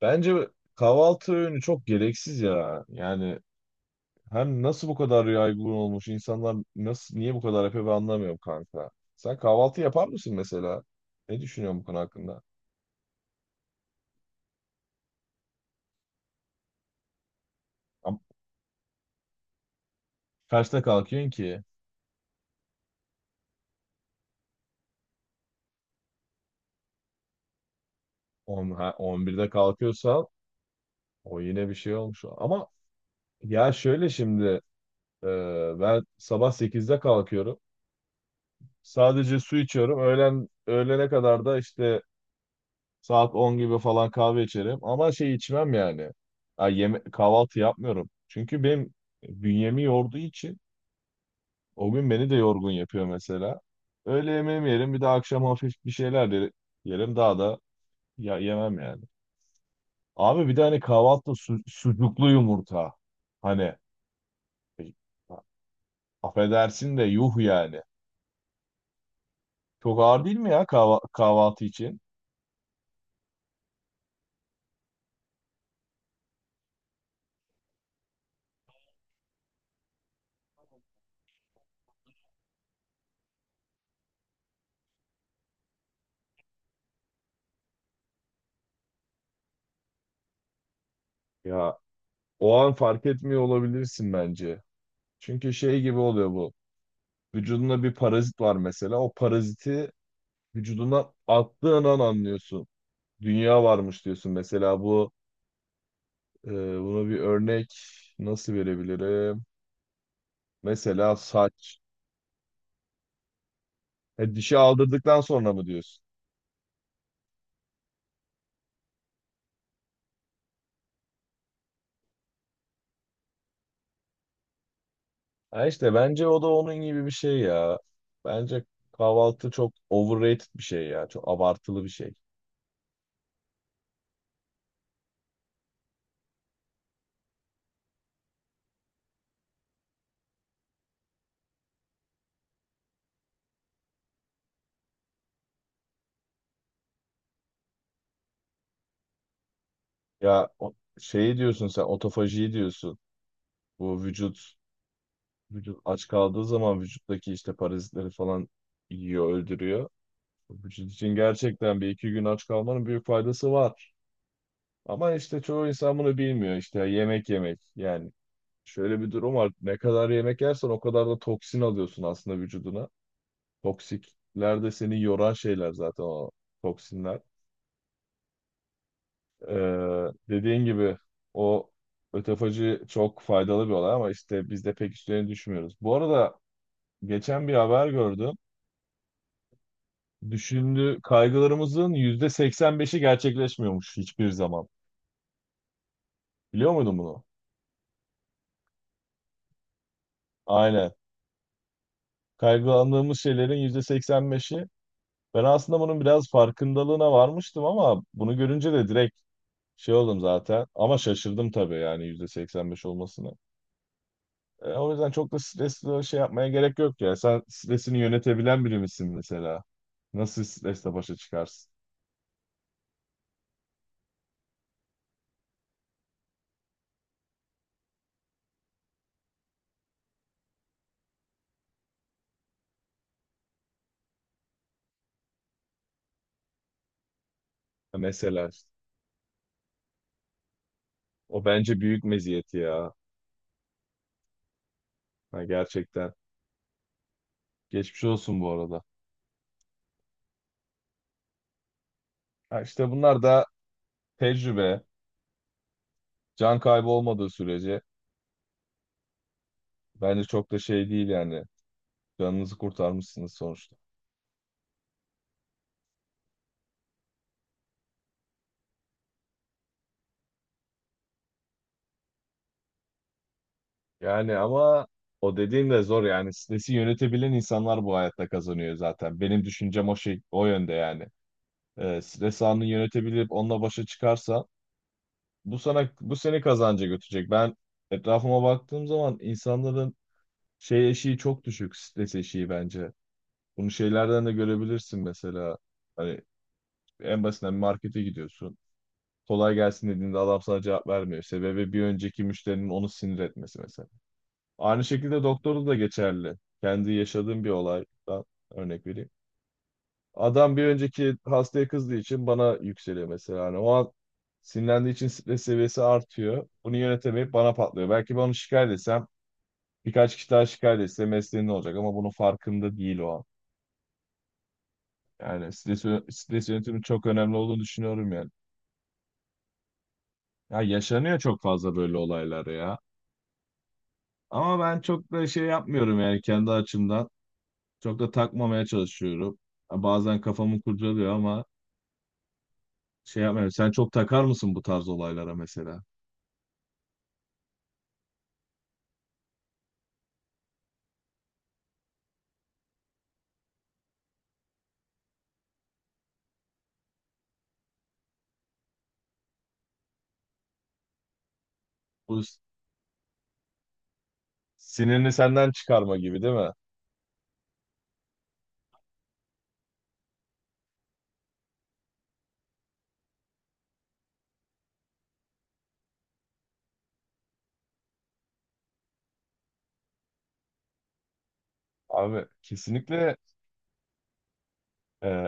Bence kahvaltı öğünü çok gereksiz ya. Yani hem nasıl bu kadar yaygın olmuş insanlar nasıl niye bu kadar yapıyor ben anlamıyorum kanka. Sen kahvaltı yapar mısın mesela? Ne düşünüyorsun bu konu hakkında? Am- Kaçta kalkıyorsun ki? 10, ha, 11'de kalkıyorsan o yine bir şey olmuş. Ama ya şöyle şimdi e, ben sabah 8'de kalkıyorum. Sadece su içiyorum. Öğlen öğlene kadar da işte Saat 10 gibi falan kahve içerim ama şey içmem yani. Ha, yeme kahvaltı yapmıyorum. Çünkü benim bünyemi yorduğu için o gün beni de yorgun yapıyor mesela. Öğle yemeğimi yerim, bir de akşam hafif bir şeyler de yerim, daha da ya yemem yani. Abi bir de hani kahvaltı sucuklu yumurta. Hani e, affedersin de yuh yani. Çok ağır değil mi ya kahvaltı için? Ya o an fark etmiyor olabilirsin bence. Çünkü şey gibi oluyor bu. Vücudunda bir parazit var mesela. O paraziti vücuduna attığın an anlıyorsun. Dünya varmış diyorsun. Mesela e, buna bir örnek nasıl verebilirim? Mesela saç. Dişi aldırdıktan sonra mı diyorsun? Ha işte bence o da onun gibi bir şey ya. Bence kahvaltı çok overrated bir şey ya. Çok abartılı bir şey. Ya o- Şeyi diyorsun, sen otofajiyi diyorsun. Bu vücut vücut aç kaldığı zaman vücuttaki işte parazitleri falan yiyor, öldürüyor. Bu için gerçekten 1 2 gün aç kalmanın büyük faydası var. Ama işte çoğu insan bunu bilmiyor, işte yemek yemek. Yani şöyle bir durum var: ne kadar yemek yersen o kadar da toksin alıyorsun aslında vücuduna. Toksikler de seni yoran şeyler zaten, o toksinler. Ee, Dediğin gibi o ötefacı çok faydalı bir olay ama işte biz de pek üstlerine düşmüyoruz. Bu arada geçen bir haber gördüm. Düşündüğü kaygılarımızın %85'i gerçekleşmiyormuş hiçbir zaman. Biliyor muydun bunu? Aynen. Kaygılandığımız şeylerin %85'i. Ben aslında bunun biraz farkındalığına varmıştım ama bunu görünce de direkt şey oldum zaten. Ama şaşırdım tabii yani, %85 olmasına. O yüzden çok da stresli şey yapmaya gerek yok ya. Sen stresini yönetebilen biri misin mesela? Nasıl stresle başa çıkarsın? Ya mesela işte. O bence büyük meziyeti ya. Ha, gerçekten. Geçmiş olsun bu arada. Ha, işte bunlar da tecrübe, can kaybı olmadığı sürece bence çok da şey değil yani. Canınızı kurtarmışsınız sonuçta. Yani ama o dediğim de zor yani. Stresi yönetebilen insanlar bu hayatta kazanıyor zaten. Benim düşüncem o şey, o yönde yani. Stres anını yönetebilip onunla başa çıkarsa bu seni kazanca götürecek. Ben etrafıma baktığım zaman insanların şey eşiği çok düşük, stres eşiği bence. Bunu şeylerden de görebilirsin mesela. Hani en basitinden bir markete gidiyorsun. Kolay gelsin dediğinde adam sana cevap vermiyor. Sebebi bir önceki müşterinin onu sinir etmesi mesela. Aynı şekilde doktorda da geçerli. Kendi yaşadığım bir olaydan örnek vereyim. Adam bir önceki hastaya kızdığı için bana yükseliyor mesela. Hani o an sinirlendiği için stres seviyesi artıyor. Bunu yönetemeyip bana patlıyor. Belki ben onu şikayet etsem, birkaç kişi daha şikayet etse mesleğinde olacak ama bunun farkında değil o an. Yani stres yönetimi çok önemli olduğunu düşünüyorum yani. Ya yaşanıyor çok fazla böyle olaylar ya. Ama ben çok da şey yapmıyorum yani kendi açımdan. Çok da takmamaya çalışıyorum. Ha, bazen kafamı kurcalıyor ama şey yapmıyorum. Sen çok takar mısın bu tarz olaylara mesela? Bu s- Sinirini senden çıkarma gibi değil mi? Abi kesinlikle, e,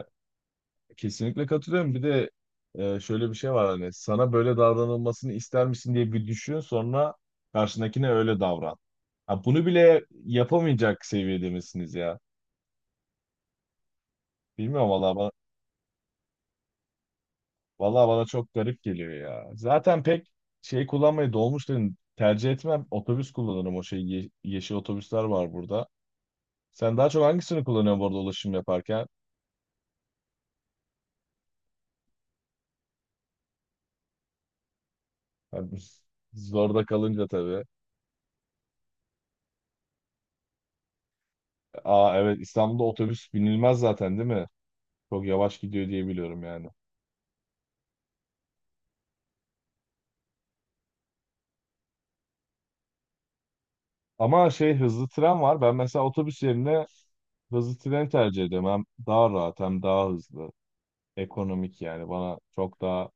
kesinlikle katılıyorum. Bir de şöyle bir şey var: hani sana böyle davranılmasını ister misin diye bir düşün, sonra karşındakine öyle davran. Ha, bunu bile yapamayacak seviyede misiniz ya? Bilmiyorum valla. Valla bana çok garip geliyor ya. Zaten pek şey kullanmayı, dolmuşları tercih etmem. Otobüs kullanırım, o şey, yeşil otobüsler var burada. Sen daha çok hangisini kullanıyorsun burada ulaşım yaparken? Yani zorda kalınca tabii. Aa evet, İstanbul'da otobüs binilmez zaten değil mi? Çok yavaş gidiyor diye biliyorum yani. Ama şey, hızlı tren var. Ben mesela otobüs yerine hızlı tren tercih ediyorum. Hem daha rahat, hem daha hızlı. Ekonomik, yani bana çok daha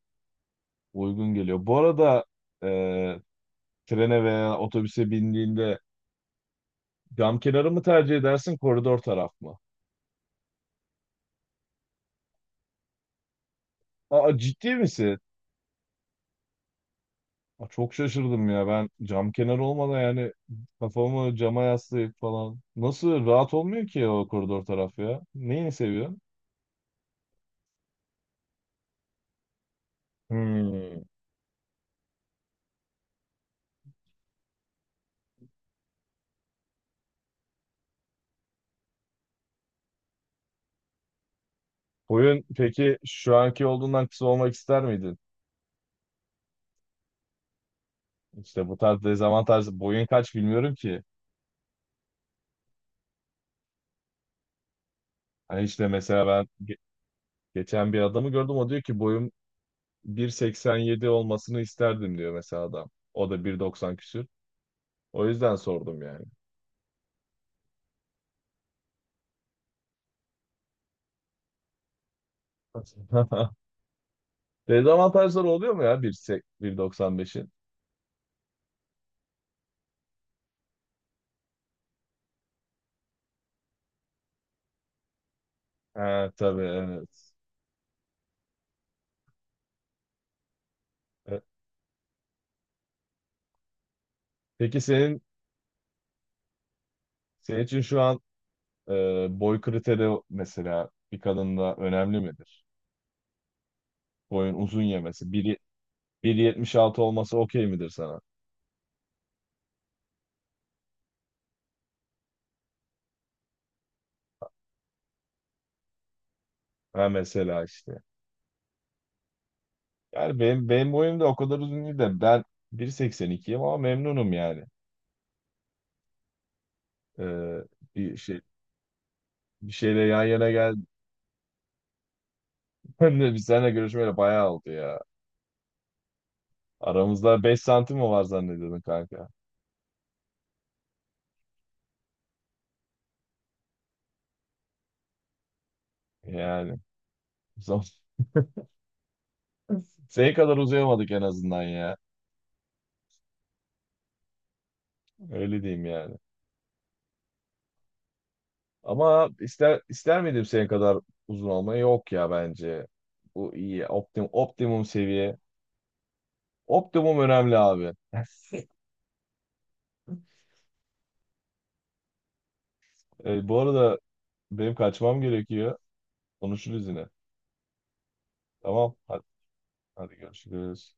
uygun geliyor. Bu arada e, trene veya otobüse bindiğinde cam kenarı mı tercih edersin, koridor taraf mı? Aa, ciddi misin? Aa, çok şaşırdım ya, ben cam kenarı olmadan yani, kafamı cama yaslayıp falan. Nasıl rahat olmuyor ki o koridor taraf ya? Neyini seviyorsun? Hmm. Boyun peki şu anki olduğundan kısa olmak ister miydin? İşte bu tarz dezavantaj, boyun kaç bilmiyorum ki. Hani işte mesela ben geçen bir adamı gördüm, o diyor ki boyum 1.87 olmasını isterdim diyor mesela adam. O da 1.90 küsür. O yüzden sordum yani. Dezavantajları oluyor mu ya 1.8 1.95'in? Ha tabii, evet. E, Peki senin için şu an, e, boy kriteri mesela bir kadında önemli midir? Boyun uzun yemesi. 1 1.76 olması okey midir sana? Ha mesela işte. Yani benim boyum da o kadar uzun değil de ben 1.82'yim ama memnunum yani. E, bir şey Bir şeyle yan yana gel. Ben de biz seninle görüşmeyeli bayağı oldu ya. Aramızda 5 santim mi var zannediyordun kanka? Yani son- senin kadar uzayamadık en azından ya. Öyle diyeyim yani. Ama ister miydim senin kadar uzun olmayı? Yok ya bence. Bu iyi. Optimum seviye. Optimum önemli abi. Bu arada benim kaçmam gerekiyor. Konuşuruz yine. Tamam. Hadi, hadi görüşürüz.